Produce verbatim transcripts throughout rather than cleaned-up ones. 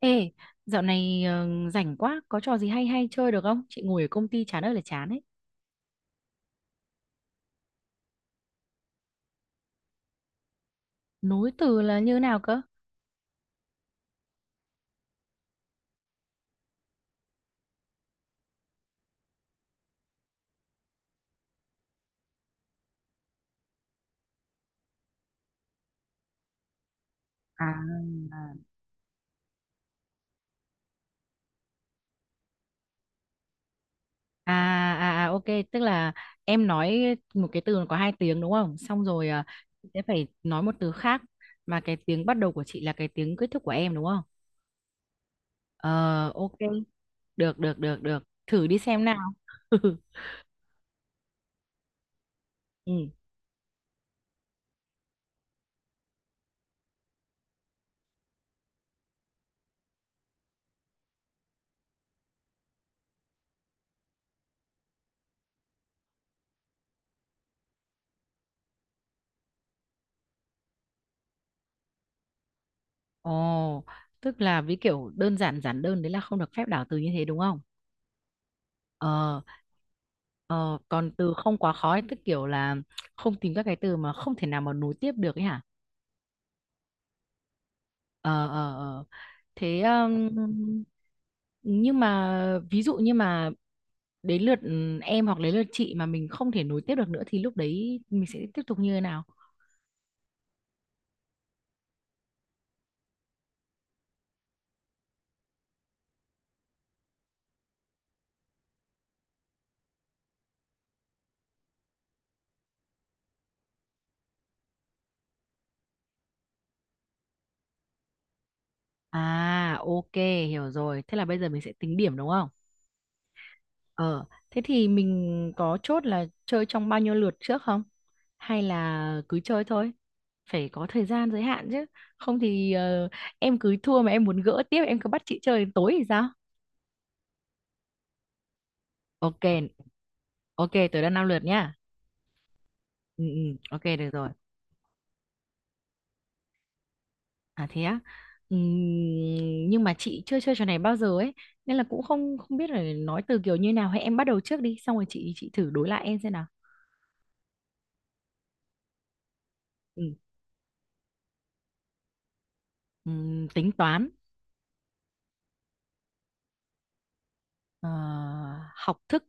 Ê, dạo này ờ, rảnh quá, có trò gì hay hay chơi được không? Chị ngồi ở công ty chán ơi là chán ấy. Nối từ là như nào cơ? À, À, à, à, ok, tức là em nói một cái từ có hai tiếng đúng không? Xong rồi ờ, chị sẽ phải nói một từ khác mà cái tiếng bắt đầu của chị là cái tiếng kết thúc của em đúng không? Ờ, ok, được, được, được, được. Thử đi xem nào. Ừ. Ồ, tức là với kiểu đơn giản giản đơn đấy là không được phép đảo từ như thế đúng không? Ờ, ờ, còn từ không quá khó ấy, tức kiểu là không tìm các cái từ mà không thể nào mà nối tiếp được ấy hả? Ờ, ờ, ờ. Thế um, nhưng mà ví dụ như mà đến lượt ừ, em hoặc đến lượt chị mà mình không thể nối tiếp được nữa thì lúc đấy mình sẽ tiếp tục như thế nào? À, ok, hiểu rồi. Thế là bây giờ mình sẽ tính điểm đúng không? Ờ, thế thì mình có chốt là chơi trong bao nhiêu lượt trước không? Hay là cứ chơi thôi? Phải có thời gian giới hạn chứ. Không thì ờ, em cứ thua mà em muốn gỡ tiếp, em cứ bắt chị chơi đến tối thì sao? Ok, ok, tới là năm lượt nhá. Ừ, ừ, ok, được rồi. À thế á. Ừm, nhưng mà chị chưa chơi trò này bao giờ ấy, nên là cũng không không biết là nói từ kiểu như nào. Hay em bắt đầu trước đi, xong rồi chị chị thử đối lại em xem nào. Ừ, ừm, tính toán, ờ, học thức.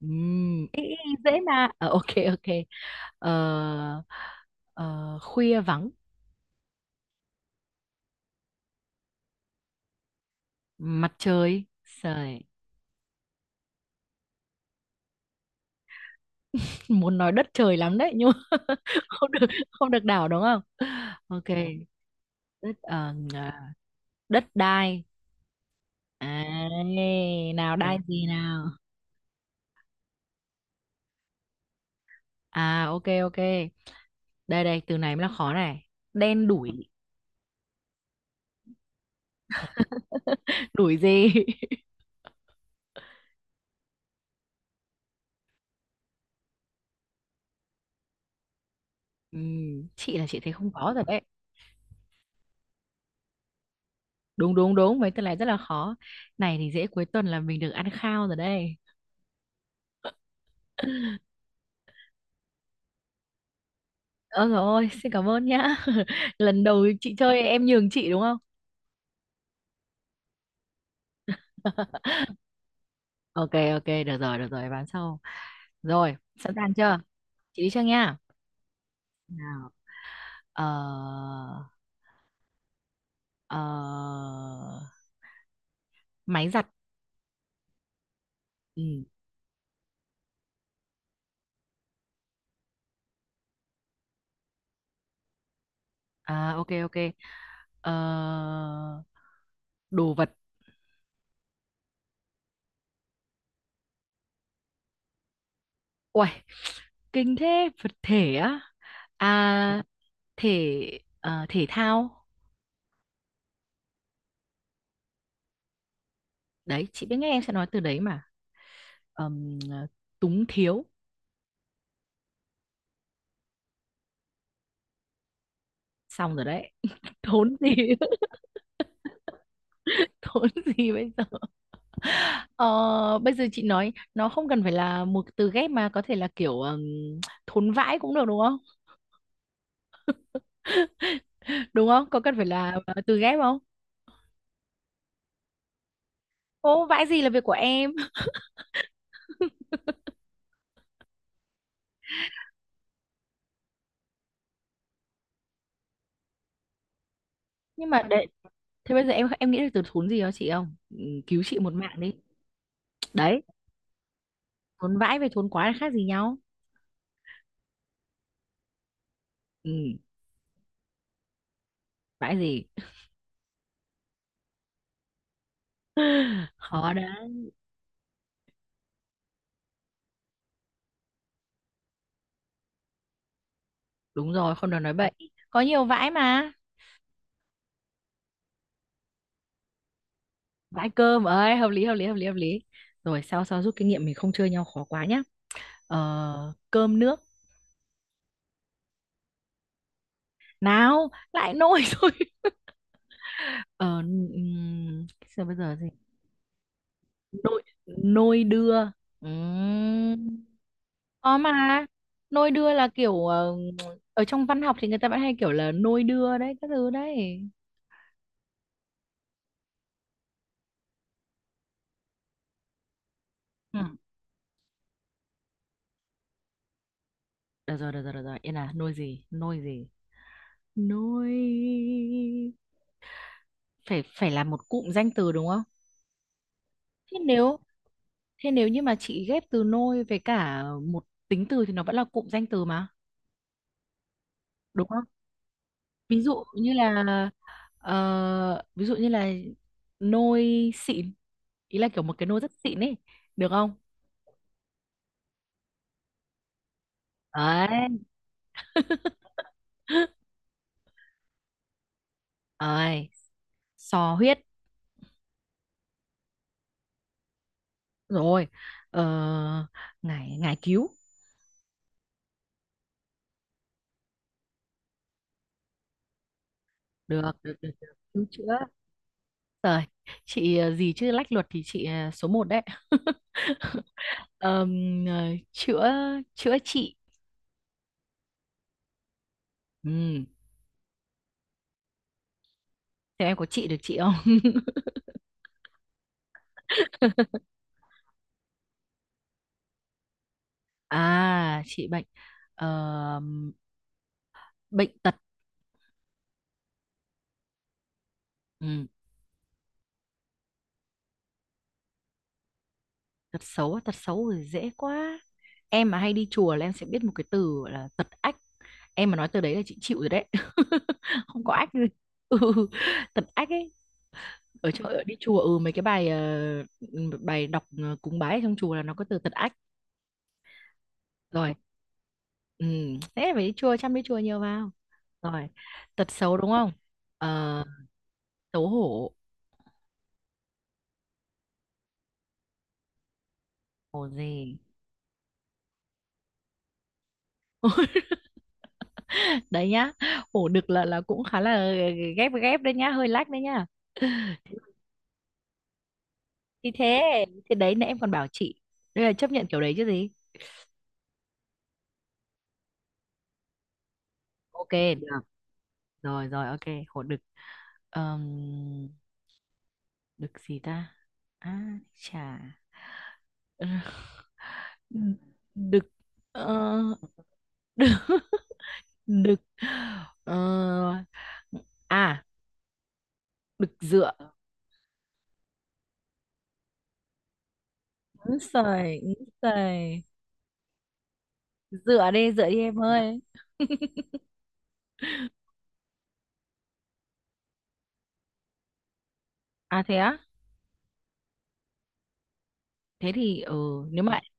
Ừm, ý, ý, dễ mà. Ờ, ok, ok. Ờ, ờ, khuya vắng mặt trời. Trời muốn nói đất trời lắm đấy nhưng mà không được, không được đảo đúng không? Ok. Đất, ờ, à, đất đai. À, nào đai gì nào? À, ok, ok, đây đây từ này mới là khó này. Đen đủi. Đủi gì? Ừm, chị là chị thấy không có rồi đấy. Đúng đúng đúng mấy tuần này rất là khó. Này thì dễ, cuối tuần là mình được ăn khao rồi đây. Ôi dồi ôi, xin cảm ơn nhá. Lần đầu chị chơi em nhường chị đúng không? Ok ok, được rồi được rồi, bán sau. Rồi, sẵn sàng chưa? Chị đi trước nha. Nào, ờ ờ máy giặt. Ừ. À, ok, ok. Ờ, đồ vật. Uầy, kinh thế, vật thể á? À thể, ờ, thể thao. Đấy chị biết ngay em sẽ nói từ đấy mà. Ờm, ờ, túng thiếu. Xong rồi đấy. Thốn gì? Thốn gì bây giờ? ờ, Bây giờ chị nói nó không cần phải là một từ ghép mà có thể là kiểu ờm, thốn vãi cũng được đúng không? Đúng không, có cần phải là ờ, từ ghép không? Ô, vãi gì là việc của em. Nhưng mà đấy, thế bây giờ em em nghĩ được từ thốn gì đó chị không ừ, cứu chị một mạng đi. Đấy, thốn vãi với thốn quá là khác gì nhau? Ừ, vãi gì? Khó đấy. Đúng rồi, không được nói bậy. Có nhiều vãi mà. Vãi cơm ấy, hợp lý hợp lý hợp lý hợp lý. Rồi, sao sao rút kinh nghiệm mình không chơi nhau khó quá nhá. ờ, Cơm nước. Nào lại nôi. Rồi, ờ, ừm, sao bây giờ gì? Nôi, nôi đưa. Ừm, có mà, nôi đưa là kiểu ờ, ở trong văn học thì người ta vẫn hay kiểu là nôi đưa đấy, các thứ đấy. Ừ. Được rồi được rồi được rồi, yên, là nôi gì, nôi gì? Nôi phải phải là một cụm danh từ đúng không? thế nếu Thế nếu như mà chị ghép từ nôi với cả một tính từ thì nó vẫn là cụm danh từ mà, đúng không? Ví dụ như là ờ, ví dụ như là nôi xịn, ý là kiểu một cái nôi rất xịn ấy, được không? Đấy. Rồi, sò huyết. Rồi. Ờ, ngải, ngải cứu. Được, được, được, được. Cứu chữa. Rồi, chị ờ, gì chứ lách luật thì chị ờ, số một đấy. Ờm, ờ, Chữa, chữa trị. Ừ. Thế em có chị được chị không? À, chị bệnh. ờ, Bệnh tật. Ừ, tật xấu, á, tật xấu thì dễ quá. Em mà hay đi chùa là em sẽ biết một cái từ gọi là tật ách. Em mà nói từ đấy là chị chịu rồi đấy. Không có ách gì. Ừ, tật ách ấy. Ở chỗ ở đi chùa ừ mấy cái bài ờ, bài đọc, ờ, cúng bái ở trong chùa là nó có từ tật ách. Rồi. Ừ, thế phải đi chùa, chăm đi chùa nhiều vào. Rồi, tật xấu đúng không? Ờ, xấu hổ, hổ gì? Đấy nhá, ổ đực là là cũng khá là ghép, ghép đấy nhá, hơi lách đấy nhá. thì thế thì đấy nãy em còn bảo chị đây là chấp nhận kiểu đấy chứ gì. Ok, được rồi rồi ok. Ổ đực. Ờm, Đực gì ta? À, chà. Đ- Đực, ờ, đực đực ờ, à đực dựa. Úi giời, úi giời. Dựa đi, dựa đi em ơi. À thế á. Thế thì ừ, nếu mà em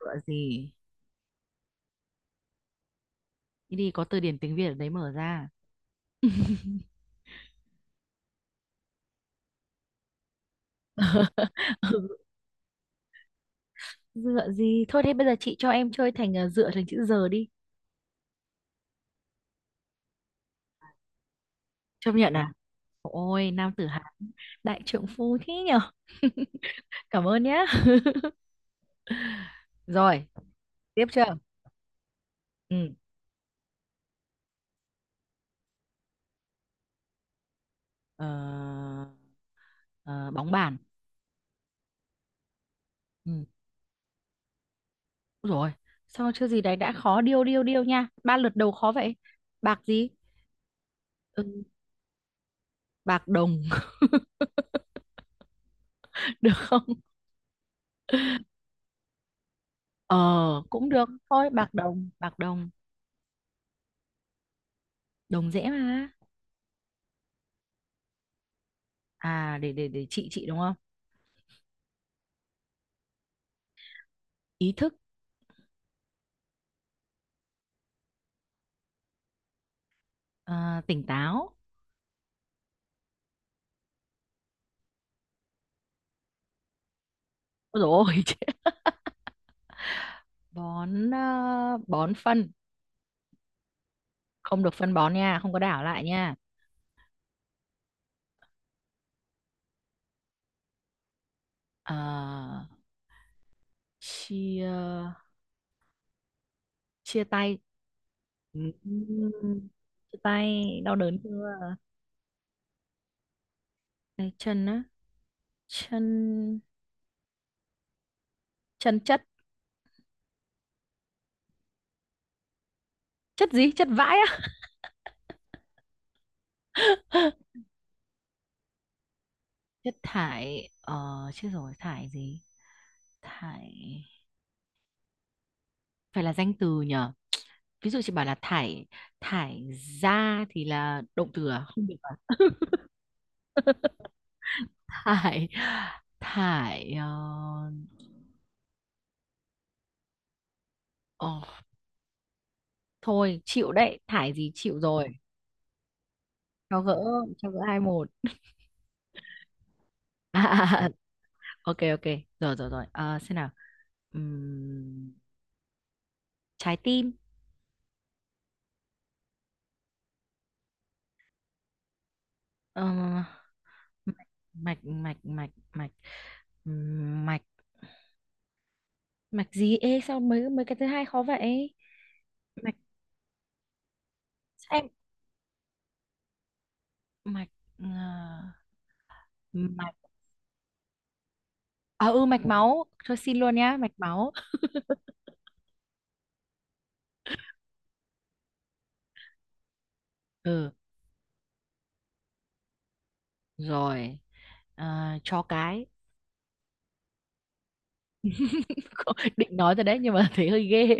dựa gì? Đi đi, có từ điển tiếng Việt ở đấy mở ra. Ừ, dựa gì, thôi thế bây giờ chị cho em chơi thành ờ, dựa thành chữ giờ đi. Chấp nhận à? Ôi, nam tử Hán, đại trượng phu thế nhở. Cảm ơn nhá. Rồi, tiếp chưa? Ừ. Ờ, ờ, Bóng bàn. Ừ. Úi dồi, sao chưa gì đấy đã khó, điêu điêu điêu nha, ba lượt đầu khó vậy. Bạc gì? Ừ. Bạc đồng. Được không? Ờ, cũng được thôi, bạc đồng bạc đồng. Đồng dễ mà. À, để để để chị chị đúng không? Ý thức. À, tỉnh táo. Ôi dồi ôi. Chết. Bón à, bón phân. Không được phân bón nha, không có đảo lại nha. Ờ, chia, chia tay. Ừm, chia tay đau đớn chưa. Đây, chân á, chân chân chất. Chất gì, chất vãi á? Chất thải. Ờ chết rồi, thải gì? Thải phải là danh từ nhở? Ví dụ chị bảo là thải thải ra thì là động từ à, không được à? thải thải ờ, ờ, Thôi chịu đấy, thải gì chịu rồi. Cho gỡ, cho gỡ hai một. ok ok. rồi rồi Rồi. Ờ, xem nào. Ừm, trái tim. Ờ, mạch mạch mạch mạch. Ừm, mạch, mạch gì, ê sao mấy mấy cái thứ hai khó vậy. Mạch em, mạch ờ, mạch. À, ừ mạch máu, thôi xin luôn nhá, mạch máu. Ừ. Rồi. À, chó cái. Định nói rồi đấy nhưng mà thấy hơi ghê.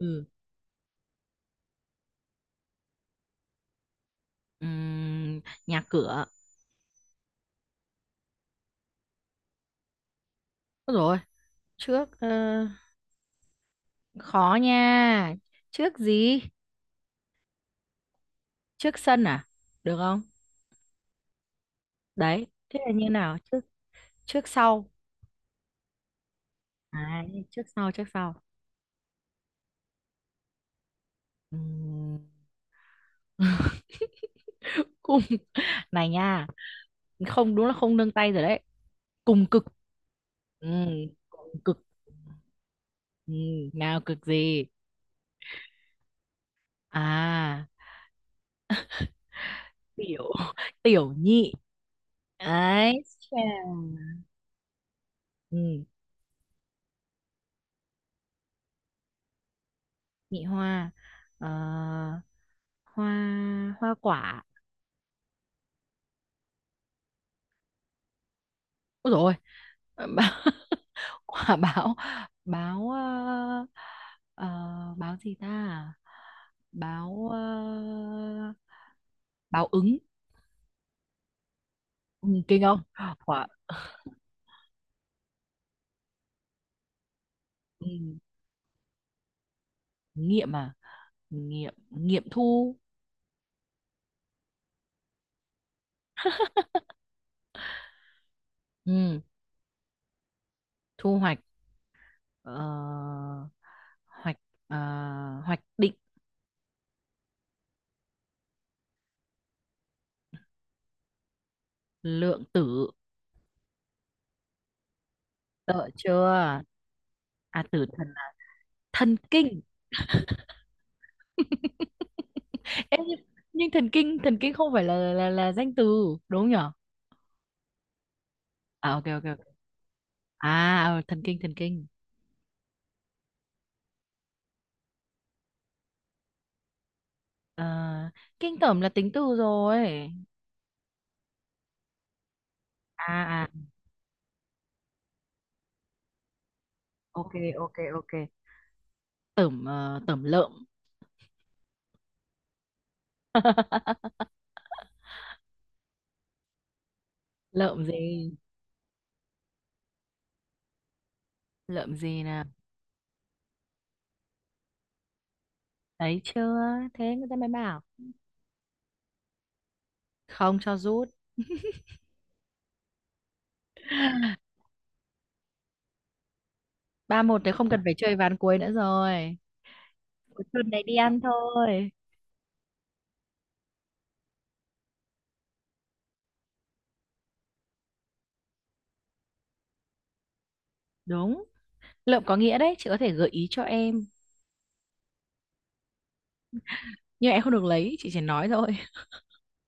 Ừ. Ừm, nhà cửa. Ôi rồi, trước ờ, khó nha, trước gì, trước sân à, được không? Đấy thế là như nào, trước, trước sau. À, trước sau trước sau. Ừm. Cùng, này nha, không đúng là không nương tay rồi đấy. Cùng cực. Ừ, cùng cực. Ừ, nào cực gì? À, tiểu. Tiểu nhị, ấy chà. Ừ, nhị hoa. Ờ, hoa, hoa quả. Ôi rồi. Quả báo. Báo ờ, ờ, báo gì ta, báo ờ, báo ứng. Ừ, kinh không? Quả, ừ, nghiệm à, nghiệm nghiệm thu. Ừ, thu hoạch. ờ, Hoạch, ờ, hoạch định lượng tử, sợ chưa. À tử thần là thần kinh. Ê, nhưng, nhưng thần kinh, thần kinh không phải là là là danh từ đúng nhở? À, ok ok ok. À ờ, thần kinh, thần kinh. Ờ, kinh tởm là tính từ rồi. à à ok ok ok. Tởm, ờ, tởm lợm. Lợm gì, lợm gì nào? Thấy chưa? Thế người ta mới bảo không cho rút. Ba một thì không cần phải chơi ván cuối nữa rồi. Cuối tuần này đi ăn thôi. Đúng. Lượm có nghĩa đấy, chị có thể gợi ý cho em. Nhưng em không được lấy, chị chỉ nói thôi.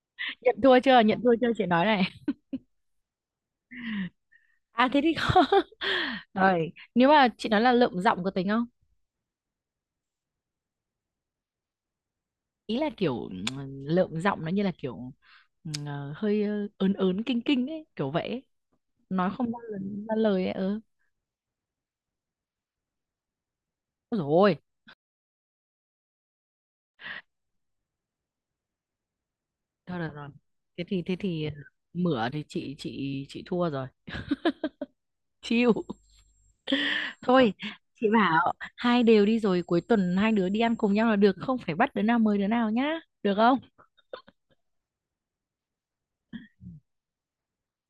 Nhận thua chưa? Nhận thua chưa? Chị nói này. À thế thì không. Rồi, nếu mà chị nói là lượm giọng có tính không? Ý là kiểu ừm, lượm giọng nó như là kiểu ừm, ờ, hơi ờ, ớn ớn kinh kinh ấy, kiểu vậy ấy. Nói không ra lời, ra lời ấy. Ừ. Ôi thôi được rồi, thế thì thế thì mửa thì chị chị chị thua rồi, chịu. Thôi chị bảo hai đều đi, rồi cuối tuần hai đứa đi ăn cùng nhau là được, không phải bắt đứa nào mời đứa nào nhá, được không?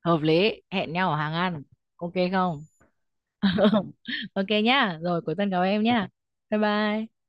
Hợp lý, hẹn nhau ở hàng ăn. Ok không? Ok nhá, rồi cuối tuần gặp em nhá. Bye bye.